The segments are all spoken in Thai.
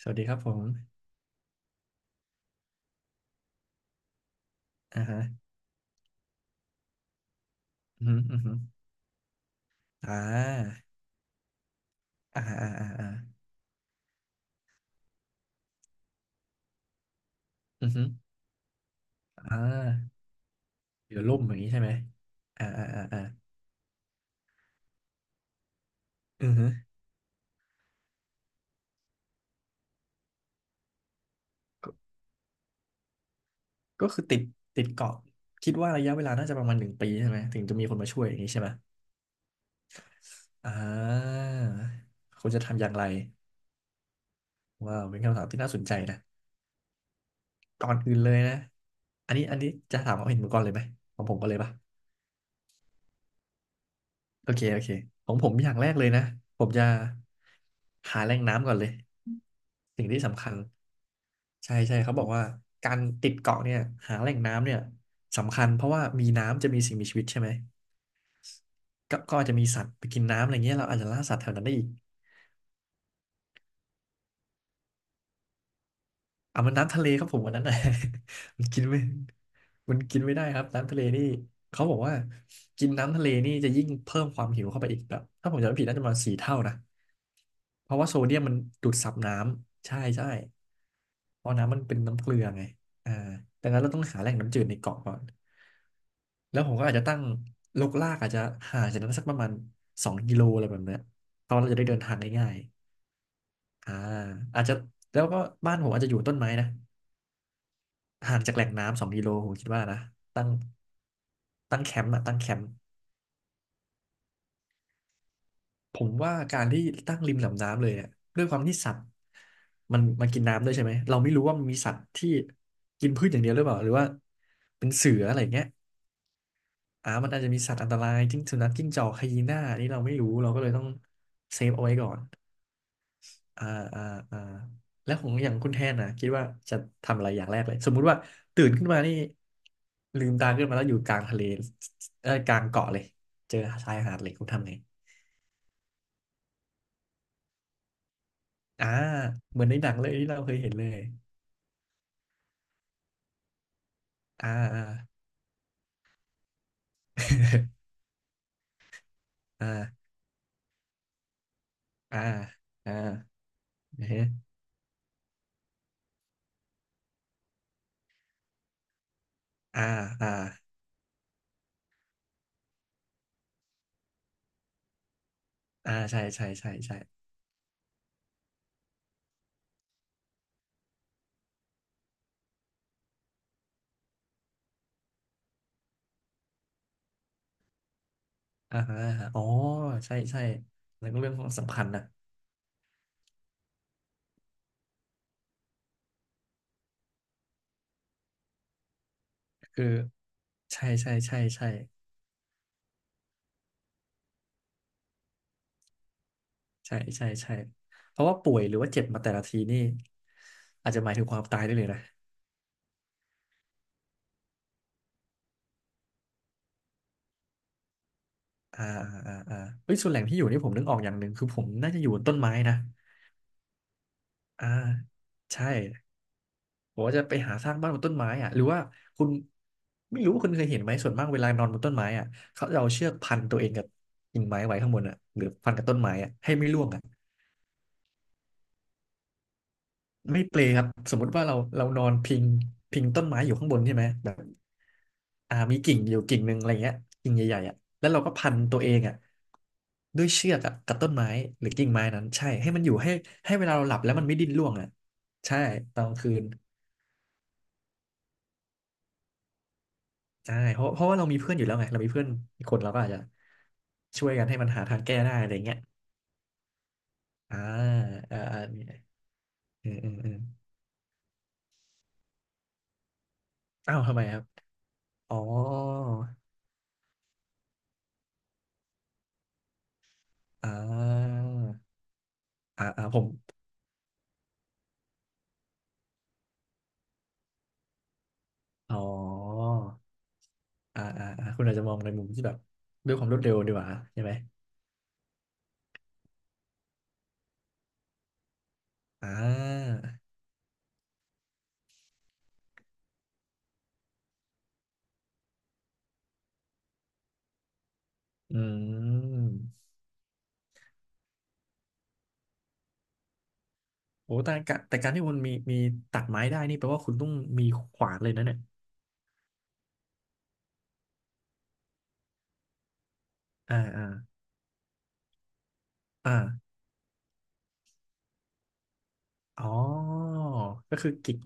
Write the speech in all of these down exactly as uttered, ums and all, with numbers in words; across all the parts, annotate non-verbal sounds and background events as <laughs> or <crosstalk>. สวัสดีครับผมอ่าฮะอืมอหืมออ่าอ่าอ่าอ่าอ่าอืมอหืออ่าเดี๋ยวล่มอย่างนี้ใช่ไหมอ่าอ่าอ่าอ่าอืมก็ก็คือติดติดเกาะคิดว่าระยะเวลาน่าจะประมาณหนึ่งปีใช่ไหมถึงจะมีคนมาช่วยอย่างนี้ใช่ไหมอ่าคุณจะทำอย่างไรว้าวเป็นคำถามที่น่าสนใจนะก่อนอื่นเลยนะอันนี้อันนี้จะถามความเห็นผมก่อนเลยไหมของผมก็เลยปะโอเคโอเคของผมอย่างแรกเลยนะผมจะหาแหล่งน้ำก่อนเลยสิ่งที่สำคัญ ใช่ใช่เขาบอกว่าการติดเกาะเนี่ยหาแหล่งน้ำเนี่ยสำคัญเพราะว่ามีน้ำจะมีสิ่งมีชีวิตใช่ไหมก็ก็อาจจะมีสัตว์ไปกินน้ำอะไรเงี้ยเราอาจจะล่าสัตว์แถวนั้นได้อีกเอามันน้ำทะเลครับผมวันนั้นนะ <laughs> มันกินไม่มันกินไม่ได้ครับน้ำทะเลนี่เขาบอกว่ากินน้ำทะเลนี่จะยิ่งเพิ่มความหิวเข้าไปอีกแบบถ้าผมจำไม่ผิดน่าจะประมาณสี่เท่านะ เพราะว่าโซเดียมมันดูดซับน้ำใช่ใช่เพราะน้ำมันเป็นน้ำเกลือไงอ่าดังนั้นเราต้องหาแหล่งน้ำจืดในเกาะก่อนแล้วผมก็อาจจะตั้งลกลากอาจจะห่างจากนั้นสักประมาณสองกิโลอะไรแบบเนี้ยเพราะเราจะได้เดินทางได้ง่ายอ่าอาจจะแล้วก็บ้านผมอาจจะอยู่ต้นไม้นะห่างจากแหล่งน้ำสองกิโลผมคิดว่านะตั้งตั้งแคมป์อะตั้งแคมป์ ผมว่าการที่ตั้งริมลำน้ำเลยเนี่ยด้วยความที่สัตว์มันมันกินน้ำด้วยใช่ไหมเราไม่รู้ว่ามันมีสัตว์ที่กินพืชอย่างเดียวหรือเปล่าหรือว่าเป็นเสืออะไรอย่างเงี้ยอ่ามันอาจจะมีสัตว์อันตรายจิ้งสุนัขจิ้งจอกไฮยีน่าอันนี้เราไม่รู้เราก็เลยต้องเซฟเอาไว้ก่อนอ่าอ่าอ่าแล้วของอย่างคุณแทนนะคิดว่าจะทำอะไรอย่างแรกเลยสมมุติว่าตื่นขึ้นมานี่ลืมตาขึ้นมาแล้วอยู่กลางทะเลเอ้ยกลางเกาะเลยเจอชายหาดเลยคุณทำไงอ่าเหมือนในหนังเลยที่เราเคยเห็นเลย อ่าอ่าอ่าอ่าอ่าเฮ้อ่าอ่าอ่าใช่ใช่ใช่ใช่อ่าฮะอ๋อใช่ใช่แล้วก็เรื่องของสำคัญนะคือใช่ใช่ใช่ใช่ใช่ใช่ใช่เพราะว่าป่วยหรือว่าเจ็บมาแต่ละทีนี่อาจจะหมายถึงความตายได้เลยนะอ่าอ่าอ่าเฮ้ยส่วนแหล่งที่อยู่นี่ผมนึกออกอย่างหนึ่งคือผมน่าจะอยู่บนต้นไม้นะอ่าใช่ บอกว่าจะไปหาสร้างบ้านบนต้นไม้อ่ะหรือว่าคุณไม่รู้ว่าคุณเคยเห็นไหมส่วนมากเวลานอนบนต้นไม้อ่ะเขาจะเอาเชือกพันตัวเองกับกิ่งไม้ไว้ข้างบนอ่ะหรือพันกับต้นไม้อ่ะให้ไม่ร่วงอ่ะไม่เปลครับสมมุติว่าเราเรานอนพิงพิงต้นไม้อยู่ข้างบนใช่ไหมแบบอ่ามีกิ่งอยู่กิ่งหนึ่งอะไรเงี้ยกิ่งใหญ่ๆอ่ะแล้วเราก็พันตัวเองอ่ะด้วยเชือกอ่ะกับต้นไม้หรือกิ่งไม้นั้นใช่ให้มันอยู่ให้ให้เวลาเราหลับแล้วมันไม่ดิ้นร่วงอ่ะใช่ตอนกลางคืน ใช่เพราะเพราะว่าเรามีเพื่อนอยู่แล้วไงเรามีเพื่อนอีกคนเราก็อาจจะช่วยกันให้มันหาทางแก้ได้อะไรเงี้ยอ่าอ่าอ่ามีเออเออเอออ้าวทำไมครับอ๋ออ่าอ่าอ่าผมอ๋ออ่าอ่าอ่าคุณอาจจะมองในมุมที่แบบด้วยความรวดเร็วดีกว่าใช่ไหมอ่าอืมโอ้แต่การแต่การที่คุณมีมีตัดไม้ได้นี่แปลว่าคุณต้องมีขวานเลยนะเนี่ยอ่าอ่าอ่า อ๋อก็คือกิ่ง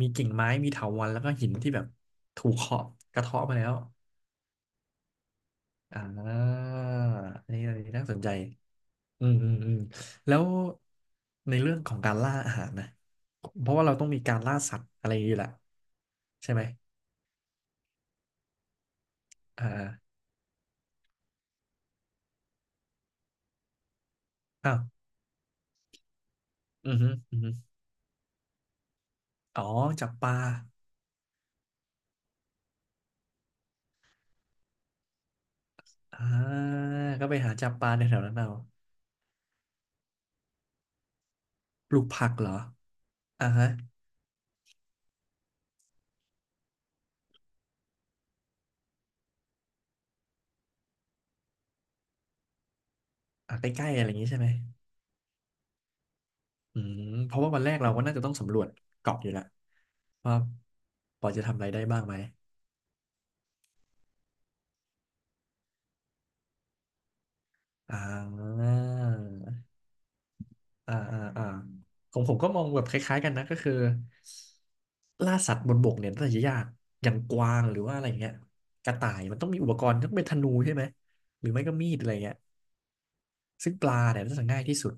มีกิ่งไม้ มีเถาวัลย์แล้วก็หินที่แบบถูกเคาะกระเทาะมาแล้วอ่าอันนี้อันนี้น่าสนใจ อืมอืมอืมแล้วในเรื่องของการล่าอาหารนะ เพราะว่าเราต้องมีการล่าสัตว์อะไรอย่างนี้แหละใช่ไหมอ่าอ้าวอือฮึอือฮึอ๋อจับปลาอ่าก็ไปหาจับปลาในแถวนั้นเอาปลูกผักเหรออ่าฮะอ่าใกล้ๆอะไรอย่างนี้ใช่ไหม อืมเพราะว่าวันแรกเราก็น่าจะต้องสำรวจเกาะอยู่แหละวว่าพอจะทำอะไรได้บ้างไหมอ่าอ่าอ่าอ่าของผมก็มองแบบคล้ายๆกันนะก็คือล่าสัตว์บนบกเนี่ยน่าจะยากอย่างกวางหรือว่าอะไรอย่างเงี้ยกระต่ายมันต้องมีอุปกรณ์ต้องเป็นธนูใช่ไหมหรือไม่ก็มีดอะไรเงี้ยซึ่งปลาเนี่ยน่าจะง่ายที่สุด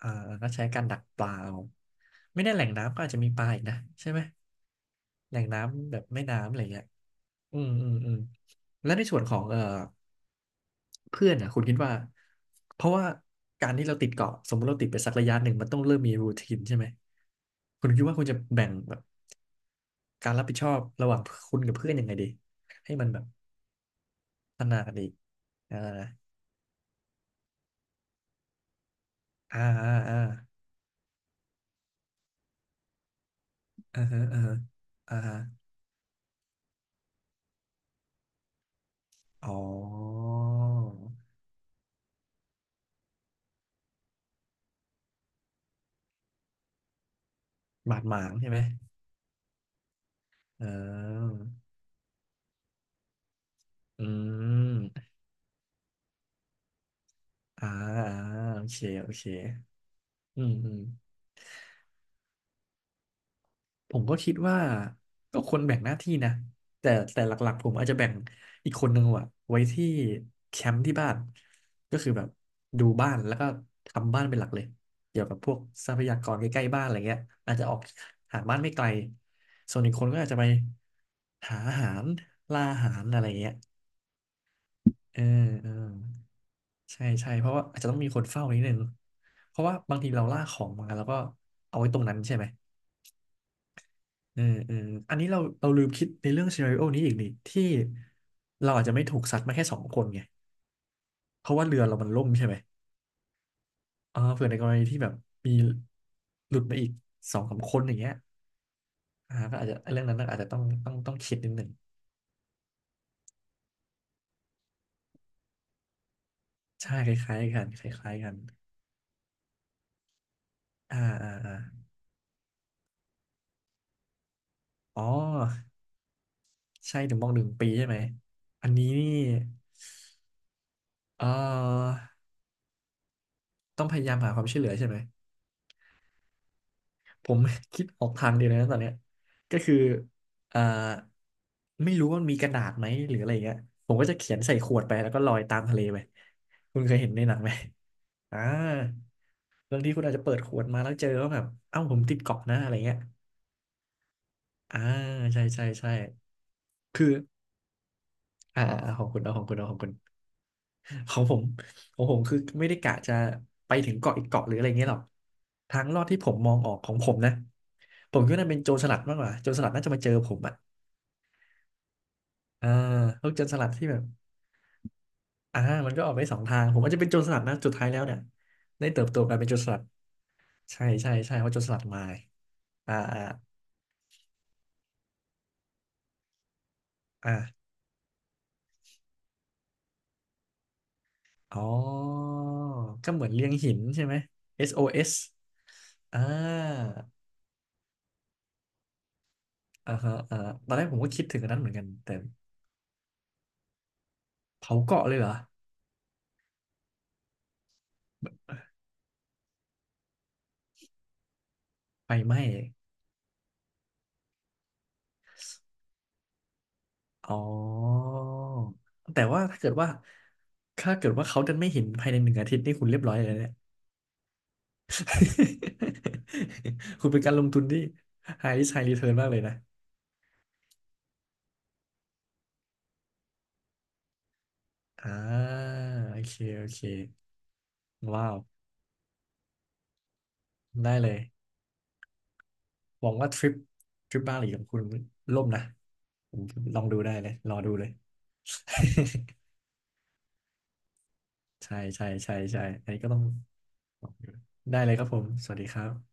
อ่าก็ใช้การดักปลาเอาไม่แน่แหล่งน้ำก็อาจจะมีปลาอีกนะใช่ไหมแหล่งน้ำแบบแม่น้ำอะไรเงี้ย อืมอืมอืมและในส่วนของเอ่อเพื่อนอ่ะคุณคิดว่าเพราะว่าการที่เราติดเกาะสมมติเราติดไปสักระยะหนึ่งมันต้องเริ่มมีรูทีนใช่ไหมคุณคิดว่าคุณจะแบ่งแบบการรับผิดชอบระหว่างคุณกับเพื่อนยังไงดีให้มันแบบพัฒนากันดีอ่าอ่าอ่าอ่าอ่าอ่าฮะอ่าฮะอ๋อบาดหมางใช่ไหมเอออืมอ่าอ่าโอเคโอเคอืมอืม ผมก็คิดว่าก็คนแบ่งหน้าที่นะแต่แต่หลักๆผมอาจจะแบ่งอีกคนหนึ่งอะไว้ที่แคมป์ที่บ้านก็คือแบบดูบ้านแล้วก็ทำบ้านเป็นหลักเลยเกี่ยวกับพวกทรัพยากรใกล้ๆบ้านอะไรเงี้ยอาจจะออกหาบ้านไม่ไกลส่วนอีกคนก็อาจจะไปหาอาหารล่าอาหารอะไรเงี้ยเออเออใช่ใช่เพราะว่าอาจจะต้องมีคนเฝ้านิดนึงเพราะว่าบางทีเราล่าของมาแล้วก็เอาไว้ตรงนั้นใช่ไหม อืมอืมอันนี้เราเราลืมคิดในเรื่องซีนาริโอนี้อีกนี่ที่เราอาจจะไม่ถูกซัดมาแค่สองคนไงเพราะว่าเรือเรามันล่มใช่ไหมอ่าเผื่อในกรณีที่แบบมีหลุดมาอีกสองสามคนอย่างเงี้ยอ่าก็อาจจะเรื่องนั้นน่ะอาจจะต้องต้องต้องคิดนิดหนึ่งใช่คล้ายๆกันคล้ายๆกันอ่าอ่าอาอ๋อใช่ถึงมองหนึ่งปีใช่ไหมอันนี้นี่เอ่อต้องพยายามหาความช่วยเหลือใช่ไหม ผมคิดออกทางเดียวเลยนะตอนเนี้ยก็คืออ่าไม่รู้ว่ามนมีกระดาษไหมหรืออะไรอย่างเงี้ยผมก็จะเขียนใส่ขวดไปแล้วก็ลอยตามทะเลไปคุณเคยเห็นในหนังไหมอ่าบางทีคุณอาจจะเปิดขวดมาแล้วเจอว่าแบบเอ้าผมติดเกาะนะอะไรเงี้ยอ่าใช่ใช่ใช่คืออ่าอ่าของคุณเอาของคุณเอาของคุณ <laughs> ของผมของผมคือไม่ได้กะจะไปถึงเกาะอีกเกาะหรืออะไรเงี้ยหรอกทางลอดที่ผมมองออกของผมนะผมคิดว่าน่าเป็นโจรสลัดมากกว่าโจรสลัดน่าจะมาเจอผมอะ อ่าพวกโจรสลัดที่แบบอ่ามันก็ออกไปสองทาง ผมอาจจะเป็นโจรสลัดนะสุดท้ายแล้วเนี่ยได้เติบโตกลายเป็นโจรสลัด ใช่ใช่ใช่เพราะโจรสลัดมาอ่าอ่าอ่าอ๋อก็เหมือนเลียงหินใช่ไหม เอส โอ เอส อสโอเอสอ่าอ่าฮะอ่าตอนแรกผมก็คิดถึงอันนั้นเหมือนกัน แต่เผาเกาะเลยเหรอไฟไหม้อ๋อแต่ว่าถ้าเกิดว่า ถ้าเกิดว่าเขาดันไม่เห็นภายในหนึ่งอาทิตย์นี่คุณเรียบร้อยเลยนะเนี่ย <laughs> คุณเป็นการลงทุนที่ high risk high return มากเลยนะ อ่าโอเคโอเคว้าวได้เลยหวังว่าทริปทริปบาหลีของคุณล่มนะผมลองดูได้เลยรอดูเลย <laughs> ใช่ใช่ใช่ใช่อันนี้ก็ต้องลองดูได้เลยครับผมสวัสดีครับ